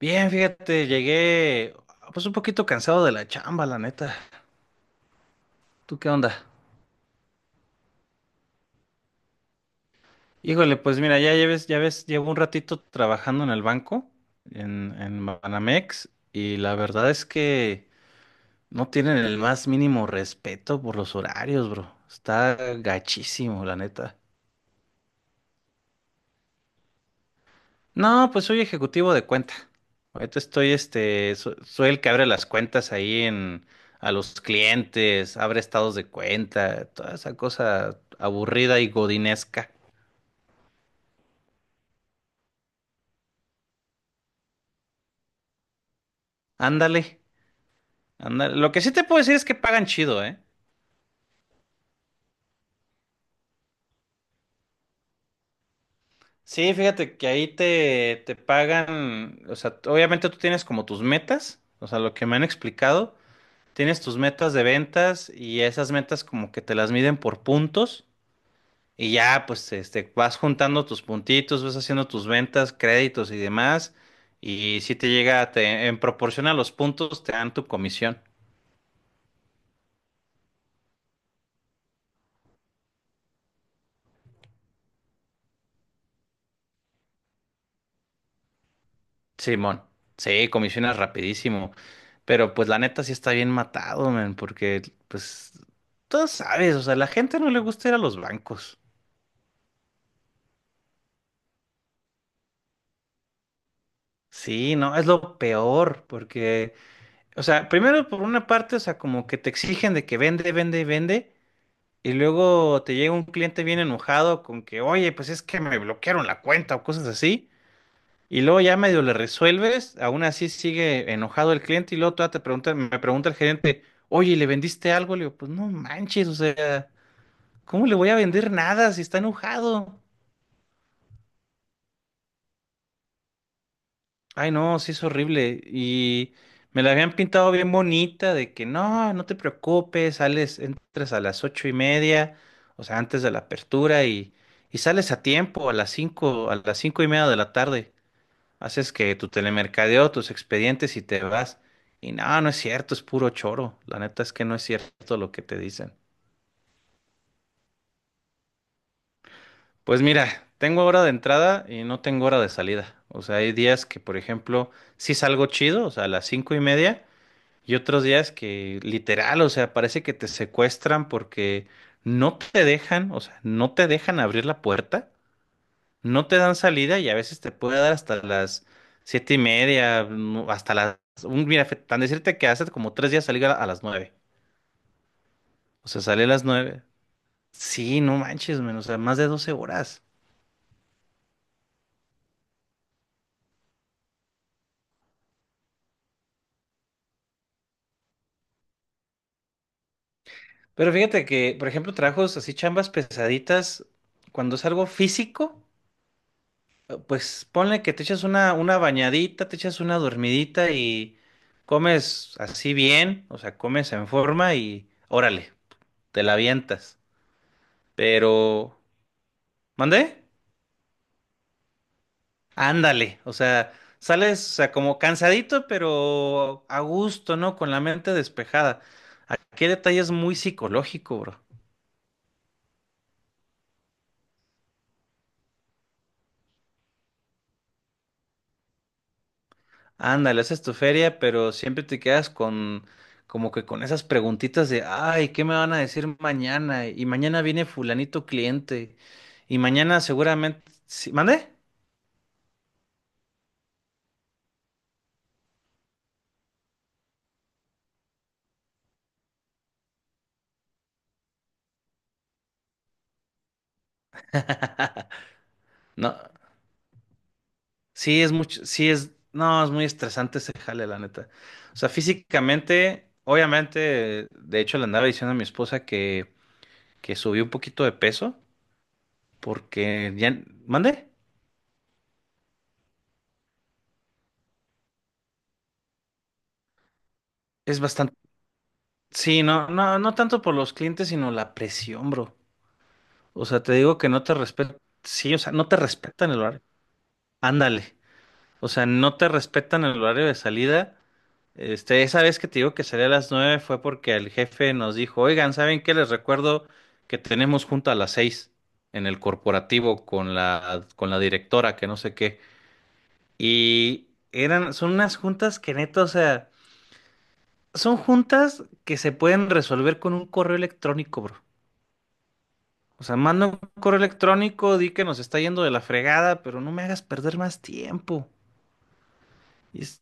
Bien, fíjate, llegué pues un poquito cansado de la chamba, la neta. ¿Tú qué onda? Híjole, pues mira, ya ves, llevo un ratito trabajando en el banco, en Banamex, y la verdad es que no tienen el más mínimo respeto por los horarios, bro. Está gachísimo, la neta. No, pues soy ejecutivo de cuenta. Ahorita estoy, soy el que abre las cuentas ahí en, a los clientes, abre estados de cuenta, toda esa cosa aburrida y godinesca. Ándale, ándale. Lo que sí te puedo decir es que pagan chido, ¿eh? Sí, fíjate que ahí te pagan, o sea, obviamente tú tienes como tus metas, o sea, lo que me han explicado, tienes tus metas de ventas y esas metas como que te las miden por puntos. Y ya, pues, vas juntando tus puntitos, vas haciendo tus ventas, créditos y demás. Y si te llega, en proporción a los puntos, te dan tu comisión. Simón, sí, comisionas rapidísimo. Pero pues la neta sí está bien matado, man, porque pues tú sabes, o sea, la gente no le gusta ir a los bancos. Sí, no, es lo peor, porque, o sea, primero por una parte, o sea, como que te exigen de que vende, vende y vende. Y luego te llega un cliente bien enojado con que, oye, pues es que me bloquearon la cuenta o cosas así. Y luego ya medio le resuelves, aún así sigue enojado el cliente y luego todavía te pregunta, me pregunta el gerente, oye, ¿le vendiste algo? Le digo, pues no manches, o sea, ¿cómo le voy a vender nada si está enojado? Ay, no, sí es horrible. Y me la habían pintado bien bonita, de que no, no te preocupes, sales, entras a las 8:30, o sea, antes de la apertura, y sales a tiempo, a las cinco, a las 5:30 de la tarde. Haces que tu telemercadeo, tus expedientes y te vas. Y no, no es cierto, es puro choro. La neta es que no es cierto lo que te dicen. Pues mira, tengo hora de entrada y no tengo hora de salida. O sea, hay días que, por ejemplo, sí salgo chido, o sea, a las 5:30. Y otros días que literal, o sea, parece que te secuestran porque no te dejan, o sea, no te dejan abrir la puerta, no te dan salida y a veces te puede dar hasta las 7:30, no, hasta las... mira, tan decirte que hace como 3 días salí a las 9:00. O sea, salí a las 9:00. Sí, no manches, menos, o sea, más de 12 horas. Pero fíjate que, por ejemplo, trabajos así, chambas pesaditas, cuando es algo físico. Pues ponle que te echas una bañadita, te echas una dormidita y comes así bien, o sea, comes en forma y órale, te la avientas. Pero, ¿mandé? Ándale, o sea, sales, o sea, como cansadito, pero a gusto, ¿no? Con la mente despejada. Aquí el detalle es muy psicológico, bro. Ándale, esa es tu feria, pero siempre te quedas con como que con esas preguntitas de, ay, ¿qué me van a decir mañana? Y mañana viene fulanito cliente. Y mañana seguramente... ¿Sí? ¿Mande? No, sí es mucho, sí es, no, es muy estresante ese jale, la neta. O sea, físicamente, obviamente, de hecho le andaba diciendo a mi esposa que, subí un poquito de peso, porque ya, ¿mande? Es bastante, sí, no, no, no tanto por los clientes, sino la presión, bro. O sea, te digo que no te respetan. Sí, o sea, no te respetan el horario. Ándale. O sea, no te respetan el horario de salida. Esa vez que te digo que salía a las 9:00 fue porque el jefe nos dijo, oigan, ¿saben qué? Les recuerdo que tenemos junta a las 6:00 en el corporativo con la directora, que no sé qué. Y eran, son unas juntas que neta, o sea, son juntas que se pueden resolver con un correo electrónico, bro. O sea, manda un correo electrónico, di que nos está yendo de la fregada, pero no me hagas perder más tiempo. Y es-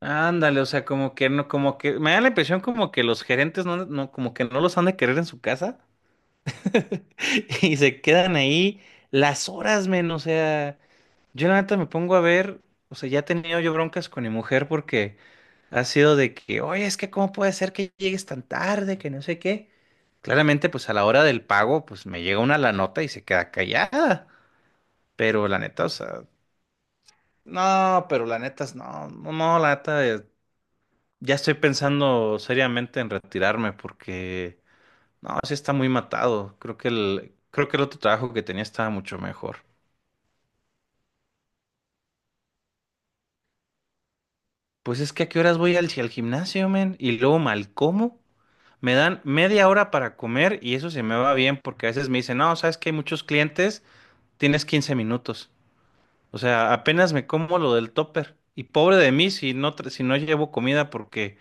Ándale, o sea, como que no, como que me da la impresión como que los gerentes no, no, como que no los han de querer en su casa y se quedan ahí las horas, men. O sea, yo la neta me pongo a ver, o sea, ya he tenido yo broncas con mi mujer porque ha sido de que, oye, es que cómo puede ser que llegues tan tarde, que no sé qué. Claramente, pues a la hora del pago, pues me llega una la nota y se queda callada. Pero la neta, o sea, no, pero la neta, no, no, no, la neta, ya estoy pensando seriamente en retirarme porque, no, sí está muy matado. Creo que el otro trabajo que tenía estaba mucho mejor. Pues es que a qué horas voy al gimnasio, men, y luego mal como. Me dan media hora para comer y eso se me va bien porque a veces me dicen, no, sabes que hay muchos clientes, tienes 15 minutos. O sea, apenas me como lo del topper. Y pobre de mí si no, si no llevo comida, porque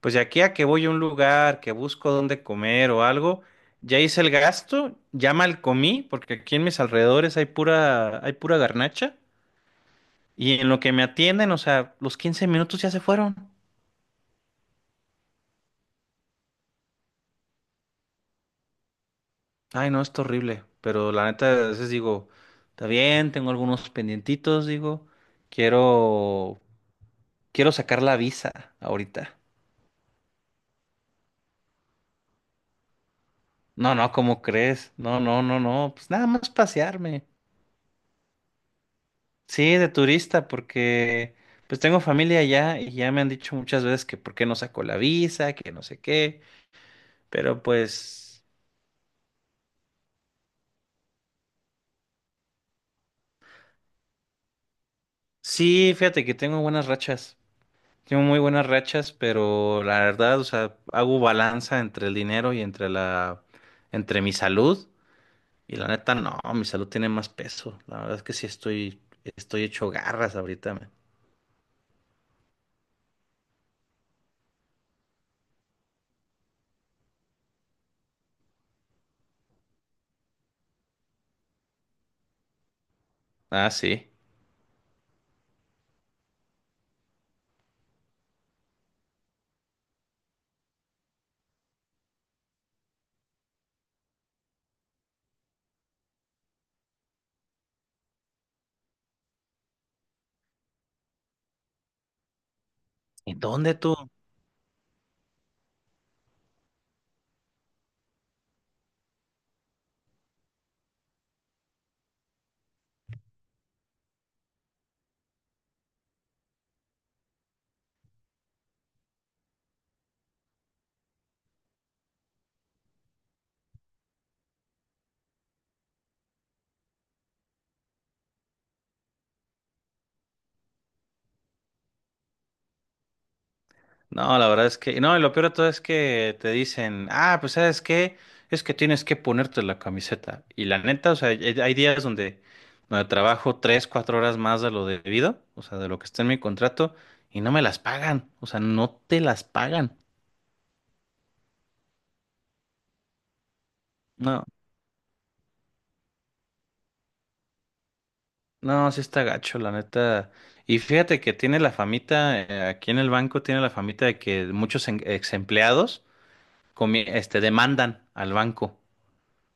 pues de aquí a que voy a un lugar, que busco dónde comer o algo, ya hice el gasto, ya mal comí, porque aquí en mis alrededores hay pura garnacha. Y en lo que me atienden, o sea, los 15 minutos ya se fueron. Ay, no, es horrible. Pero la neta, a veces digo, está bien, tengo algunos pendientitos, digo, quiero, quiero sacar la visa ahorita. No, no, ¿cómo crees? No, no, no, no, pues nada más pasearme. Sí, de turista, porque pues tengo familia allá y ya me han dicho muchas veces que por qué no saco la visa, que no sé qué, pero pues sí, fíjate que tengo buenas rachas, tengo muy buenas rachas, pero la verdad, o sea, hago balanza entre el dinero y entre mi salud y la neta, no, mi salud tiene más peso. La verdad es que sí estoy hecho garras ahorita. Man. Ah, sí. ¿Y dónde tú? No, la verdad es que, no, y lo peor de todo es que te dicen, ah, pues sabes qué, es que tienes que ponerte la camiseta. Y la neta, o sea, hay días donde trabajo tres, cuatro horas más de lo debido, o sea, de lo que está en mi contrato, y no me las pagan, o sea, no te las pagan. No, no, sí está gacho, la neta. Y fíjate que tiene la famita, aquí en el banco tiene la famita de que muchos ex empleados demandan al banco.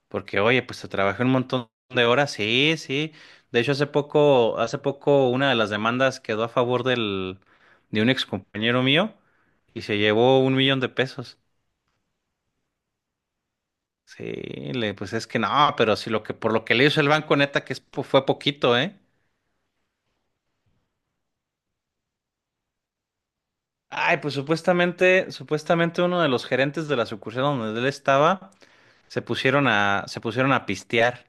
Porque, oye, pues te trabajé un montón de horas, sí, sí. De hecho, hace poco una de las demandas quedó a favor de un ex compañero mío y se llevó un millón de pesos. Sí, pues es que no, pero si por lo que le hizo el banco, neta, que es fue poquito, ¿eh? Ay, pues supuestamente uno de los gerentes de la sucursal donde él estaba se pusieron a pistear.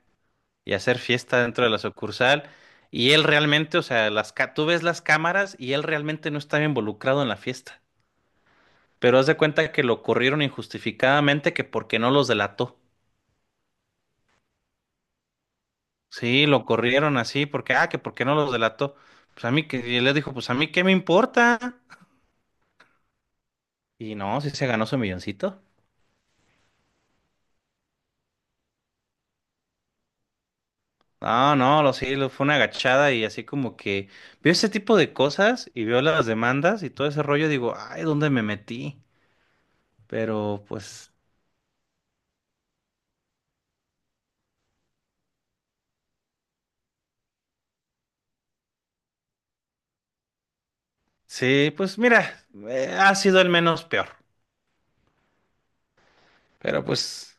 Y hacer fiesta dentro de la sucursal. Y él realmente, o sea, tú ves las cámaras y él realmente no estaba involucrado en la fiesta. Pero haz de cuenta que lo corrieron injustificadamente, que porque no los delató. Sí, lo corrieron así, porque, ah, que porque no los delató. Pues a mí, que y él le dijo, pues a mí, ¿qué me importa? Y no, sí se ganó su milloncito. No, no, lo sí, fue una agachada y así como que vio ese tipo de cosas y vio las demandas y todo ese rollo, digo, ay, ¿dónde me metí? Pero pues sí, pues mira, ha sido el menos peor. Pero pues,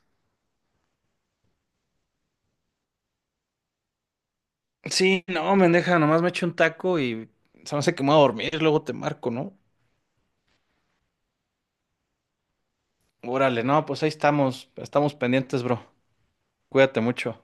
sí, no, mendeja, nomás me echo un taco y se me hace que me voy a dormir, luego te marco, ¿no? Órale, no, pues ahí estamos, estamos pendientes, bro. Cuídate mucho.